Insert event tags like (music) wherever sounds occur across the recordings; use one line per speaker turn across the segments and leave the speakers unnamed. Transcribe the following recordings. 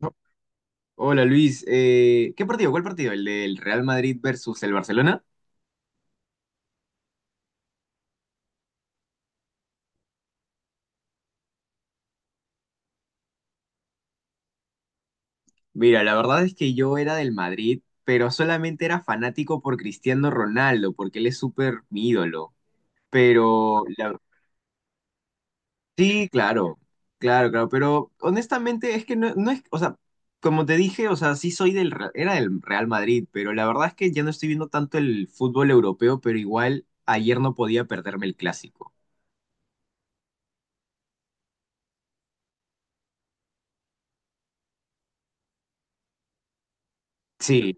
Oh, hola Luis. ¿Qué partido? ¿Cuál partido? ¿El del Real Madrid versus el Barcelona? Mira, la verdad es que yo era del Madrid, pero solamente era fanático por Cristiano Ronaldo, porque él es súper mi ídolo. Pero, la- sí, claro, claro, claro, pero honestamente es que no es, o sea, como te dije, o sea, sí soy era del Real Madrid, pero la verdad es que ya no estoy viendo tanto el fútbol europeo, pero igual ayer no podía perderme el clásico. Sí.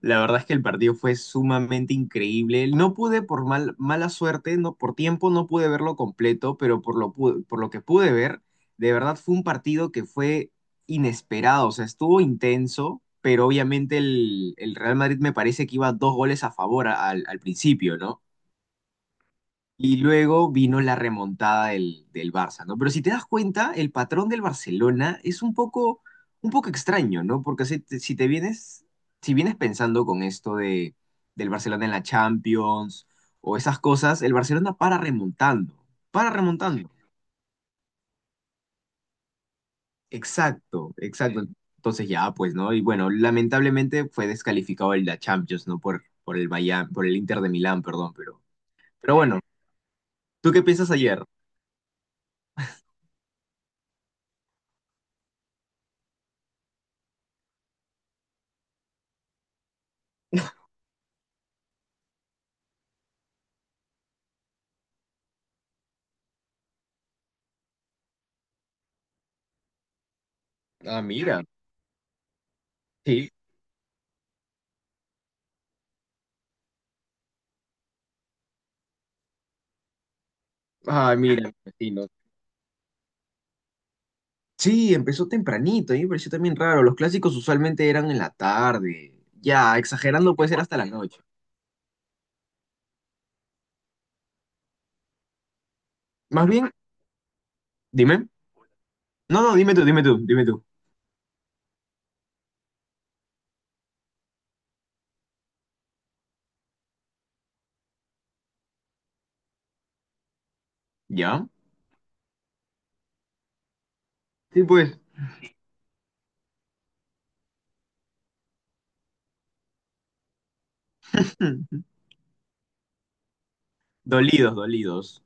La verdad es que el partido fue sumamente increíble. No pude, por mala suerte, no, por tiempo no pude verlo completo, pero por lo que pude ver, de verdad fue un partido que fue inesperado, o sea, estuvo intenso, pero obviamente el Real Madrid me parece que iba dos goles a favor al principio, ¿no? Y luego vino la remontada del Barça, ¿no? Pero si te das cuenta, el patrón del Barcelona es un poco extraño, ¿no? Porque si te vienes, si vienes pensando con del Barcelona en la Champions o esas cosas, el Barcelona para remontando, para remontando. Exacto, exacto. Sí. Entonces ya, pues, ¿no? Y bueno, lamentablemente fue descalificado el la Champions, ¿no? Por el Bayern, por el Inter de Milán, perdón, pero bueno, ¿tú qué piensas ayer? Ah, mira. Sí. Ah, mira, vecinos. Sí, empezó tempranito, a mí me pareció también raro. Los clásicos usualmente eran en la tarde. Ya, exagerando puede ser hasta la noche. Más bien, dime. No, no, dime tú, dime tú, dime tú. ¿Ya? Sí, pues. (clears throat) (laughs) Dolidos, dolidos.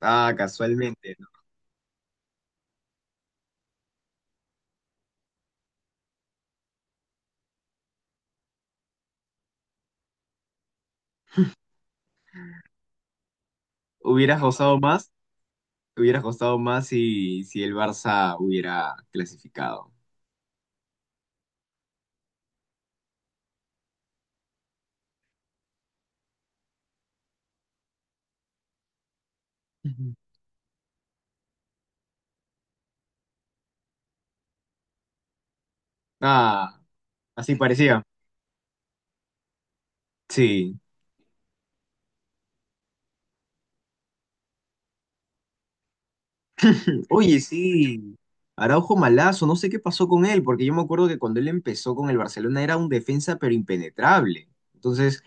Ah, casualmente, ¿no? Hubieras gozado más, hubieras gozado más si, si el Barça hubiera clasificado. Ujú. Ah, así parecía. Sí. (laughs) Oye, sí, Araujo malazo, no sé qué pasó con él, porque yo me acuerdo que cuando él empezó con el Barcelona era un defensa pero impenetrable. Entonces,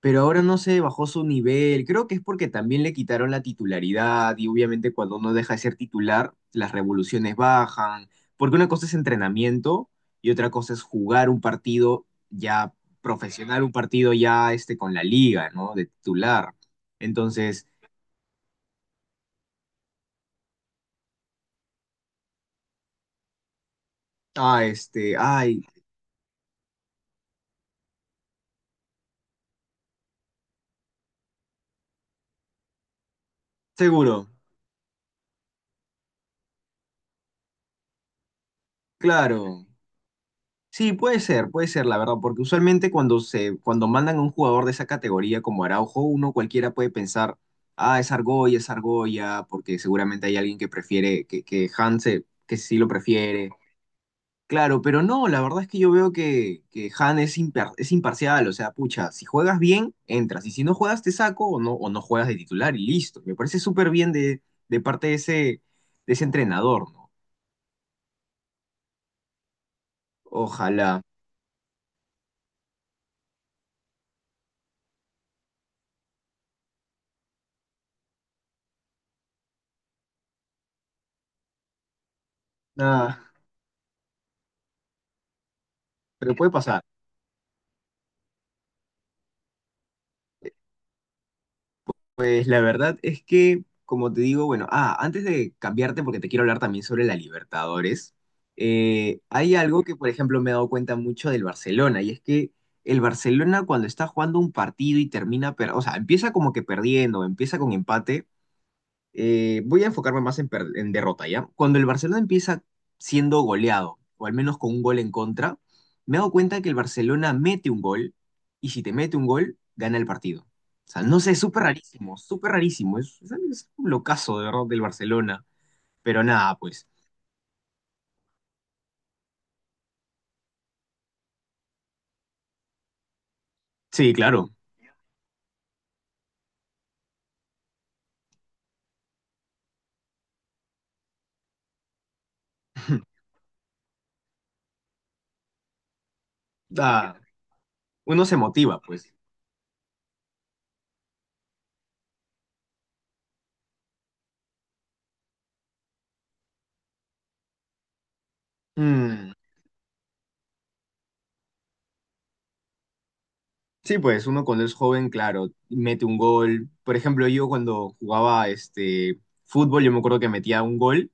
pero ahora no sé bajó su nivel. Creo que es porque también le quitaron la titularidad y obviamente cuando uno deja de ser titular, las revoluciones bajan, porque una cosa es entrenamiento y otra cosa es jugar un partido ya profesional, un partido ya este con la liga, ¿no? De titular. Entonces, ah, este, ay, seguro, claro. Sí, puede ser, la verdad, porque usualmente cuando cuando mandan a un jugador de esa categoría como Araujo, uno cualquiera puede pensar, ah, es Argolla, porque seguramente hay alguien que prefiere, que Han se- que sí lo prefiere. Claro, pero no, la verdad es que yo veo que Han es, impar- es imparcial, o sea, pucha, si juegas bien, entras, y si no juegas, te saco o no juegas de titular y listo. Me parece súper bien de parte de ese entrenador, ¿no? Ojalá. Nada, pero puede pasar. Pues la verdad es que, como te digo, bueno, ah, antes de cambiarte, porque te quiero hablar también sobre la Libertadores, hay algo que, por ejemplo, me he dado cuenta mucho del Barcelona, y es que el Barcelona cuando está jugando un partido y o sea, empieza como que perdiendo, empieza con empate, voy a enfocarme más en derrota, ¿ya? Cuando el Barcelona empieza siendo goleado, o al menos con un gol en contra, me he dado cuenta que el Barcelona mete un gol, y si te mete un gol, gana el partido. O sea, no sé, es súper rarísimo, súper rarísimo. Es un locazo, de verdad, del Barcelona. Pero nada, pues. Sí, claro. (laughs) Da- Uno se motiva, pues. Mm, sí, pues uno cuando es joven, claro, mete un gol. Por ejemplo, yo cuando jugaba este fútbol, yo me acuerdo que metía un gol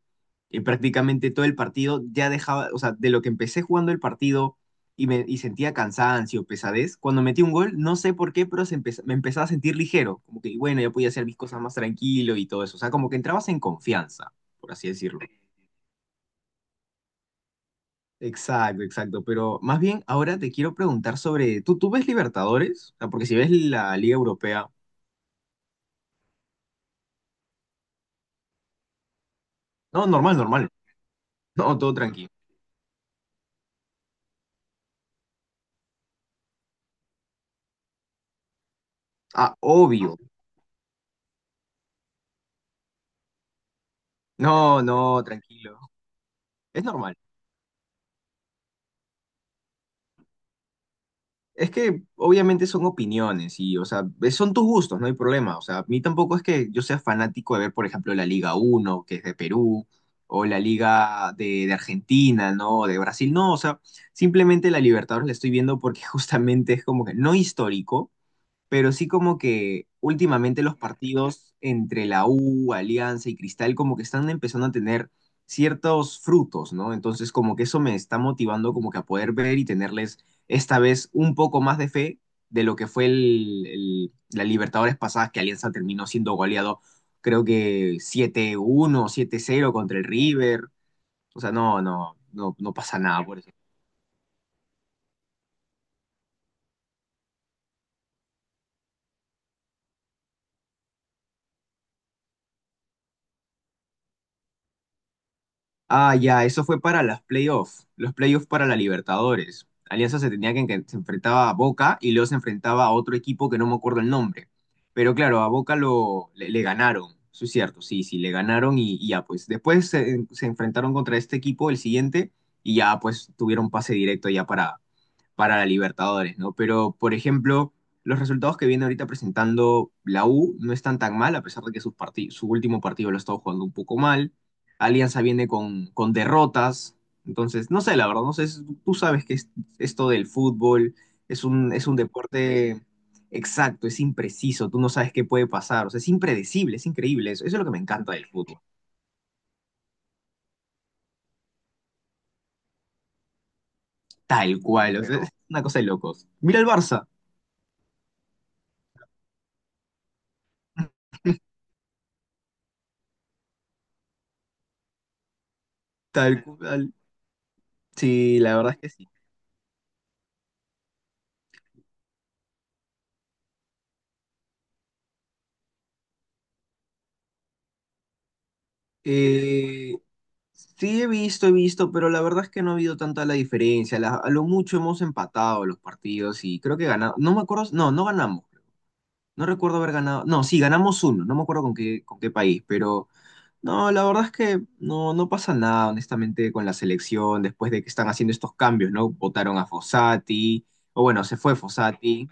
y prácticamente todo el partido ya dejaba, o sea, de lo que empecé jugando el partido y sentía cansancio, pesadez, cuando metí un gol, no sé por qué, pero me empezaba a sentir ligero, como que bueno, ya podía hacer mis cosas más tranquilo y todo eso, o sea, como que entrabas en confianza, por así decirlo. Exacto, exacto. Pero más bien ahora te quiero preguntar sobre, tú ves Libertadores? O sea, porque si ves la Liga Europea, no, normal, normal. No, todo tranquilo. Ah, obvio. No, no, tranquilo. Es normal. Es que obviamente son opiniones y, o sea, son tus gustos, no hay problema. O sea, a mí tampoco es que yo sea fanático de ver, por ejemplo, la Liga uno que es de Perú, o la Liga de Argentina, ¿no? De Brasil. No, o sea, simplemente la Libertadores la estoy viendo porque (laughs) justamente es como que no histórico. Pero sí como que últimamente los partidos entre la U, Alianza y Cristal como que están empezando a tener ciertos frutos, ¿no? Entonces como que eso me está motivando como que a poder ver y tenerles esta vez un poco más de fe de lo que fue la Libertadores pasada que Alianza terminó siendo goleado creo que siete uno siete cero contra el River. O sea, no, no, no, no pasa nada por eso. Ah, ya, eso fue para las playoffs, los playoffs para la Libertadores. Alianza se tenía que se enfrentaba a Boca y luego se enfrentaba a otro equipo que no me acuerdo el nombre. Pero claro, a Boca lo, le ganaron, eso es cierto, sí, sí, le ganaron y ya, pues después se enfrentaron contra este equipo, el siguiente, y ya pues tuvieron pase directo ya para la Libertadores, ¿no? Pero, por ejemplo, los resultados que viene ahorita presentando la U no están tan mal, a pesar de que su último partido lo ha estado jugando un poco mal. Alianza viene con derrotas. Entonces, no sé, la verdad, no sé, tú sabes que esto del fútbol es un deporte exacto, es impreciso, tú no sabes qué puede pasar, o sea, es impredecible, es increíble, eso es lo que me encanta del fútbol, tal cual, o sea, es pero, una cosa de locos. Mira el Barça, tal cual. Sí, la verdad es que sí. Eh, sí, he visto, pero la verdad es que no ha habido tanta la diferencia. A lo mucho hemos empatado los partidos y creo que ganamos. No me acuerdo, no, no ganamos. No recuerdo haber ganado. No, sí, ganamos uno. No me acuerdo con qué país, pero no, la verdad es que no, no pasa nada, honestamente, con la selección después de que están haciendo estos cambios, ¿no? Votaron a Fossati, o bueno, se fue Fossati.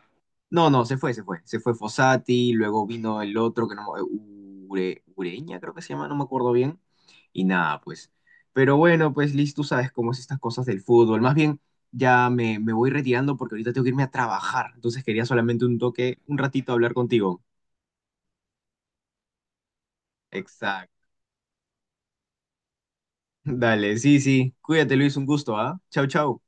No, no, se fue, se fue. Se fue Fossati, luego vino el otro que no me- Ure- Ureña creo que se llama, no me acuerdo bien. Y nada, pues. Pero bueno, pues Liz, tú sabes cómo es estas cosas del fútbol. Más bien, ya me voy retirando porque ahorita tengo que irme a trabajar. Entonces quería solamente un toque, un ratito hablar contigo. Exacto. (laughs) Dale, sí, sí. Cuídate, Luis, un gusto, ¿ah? Chau, chau.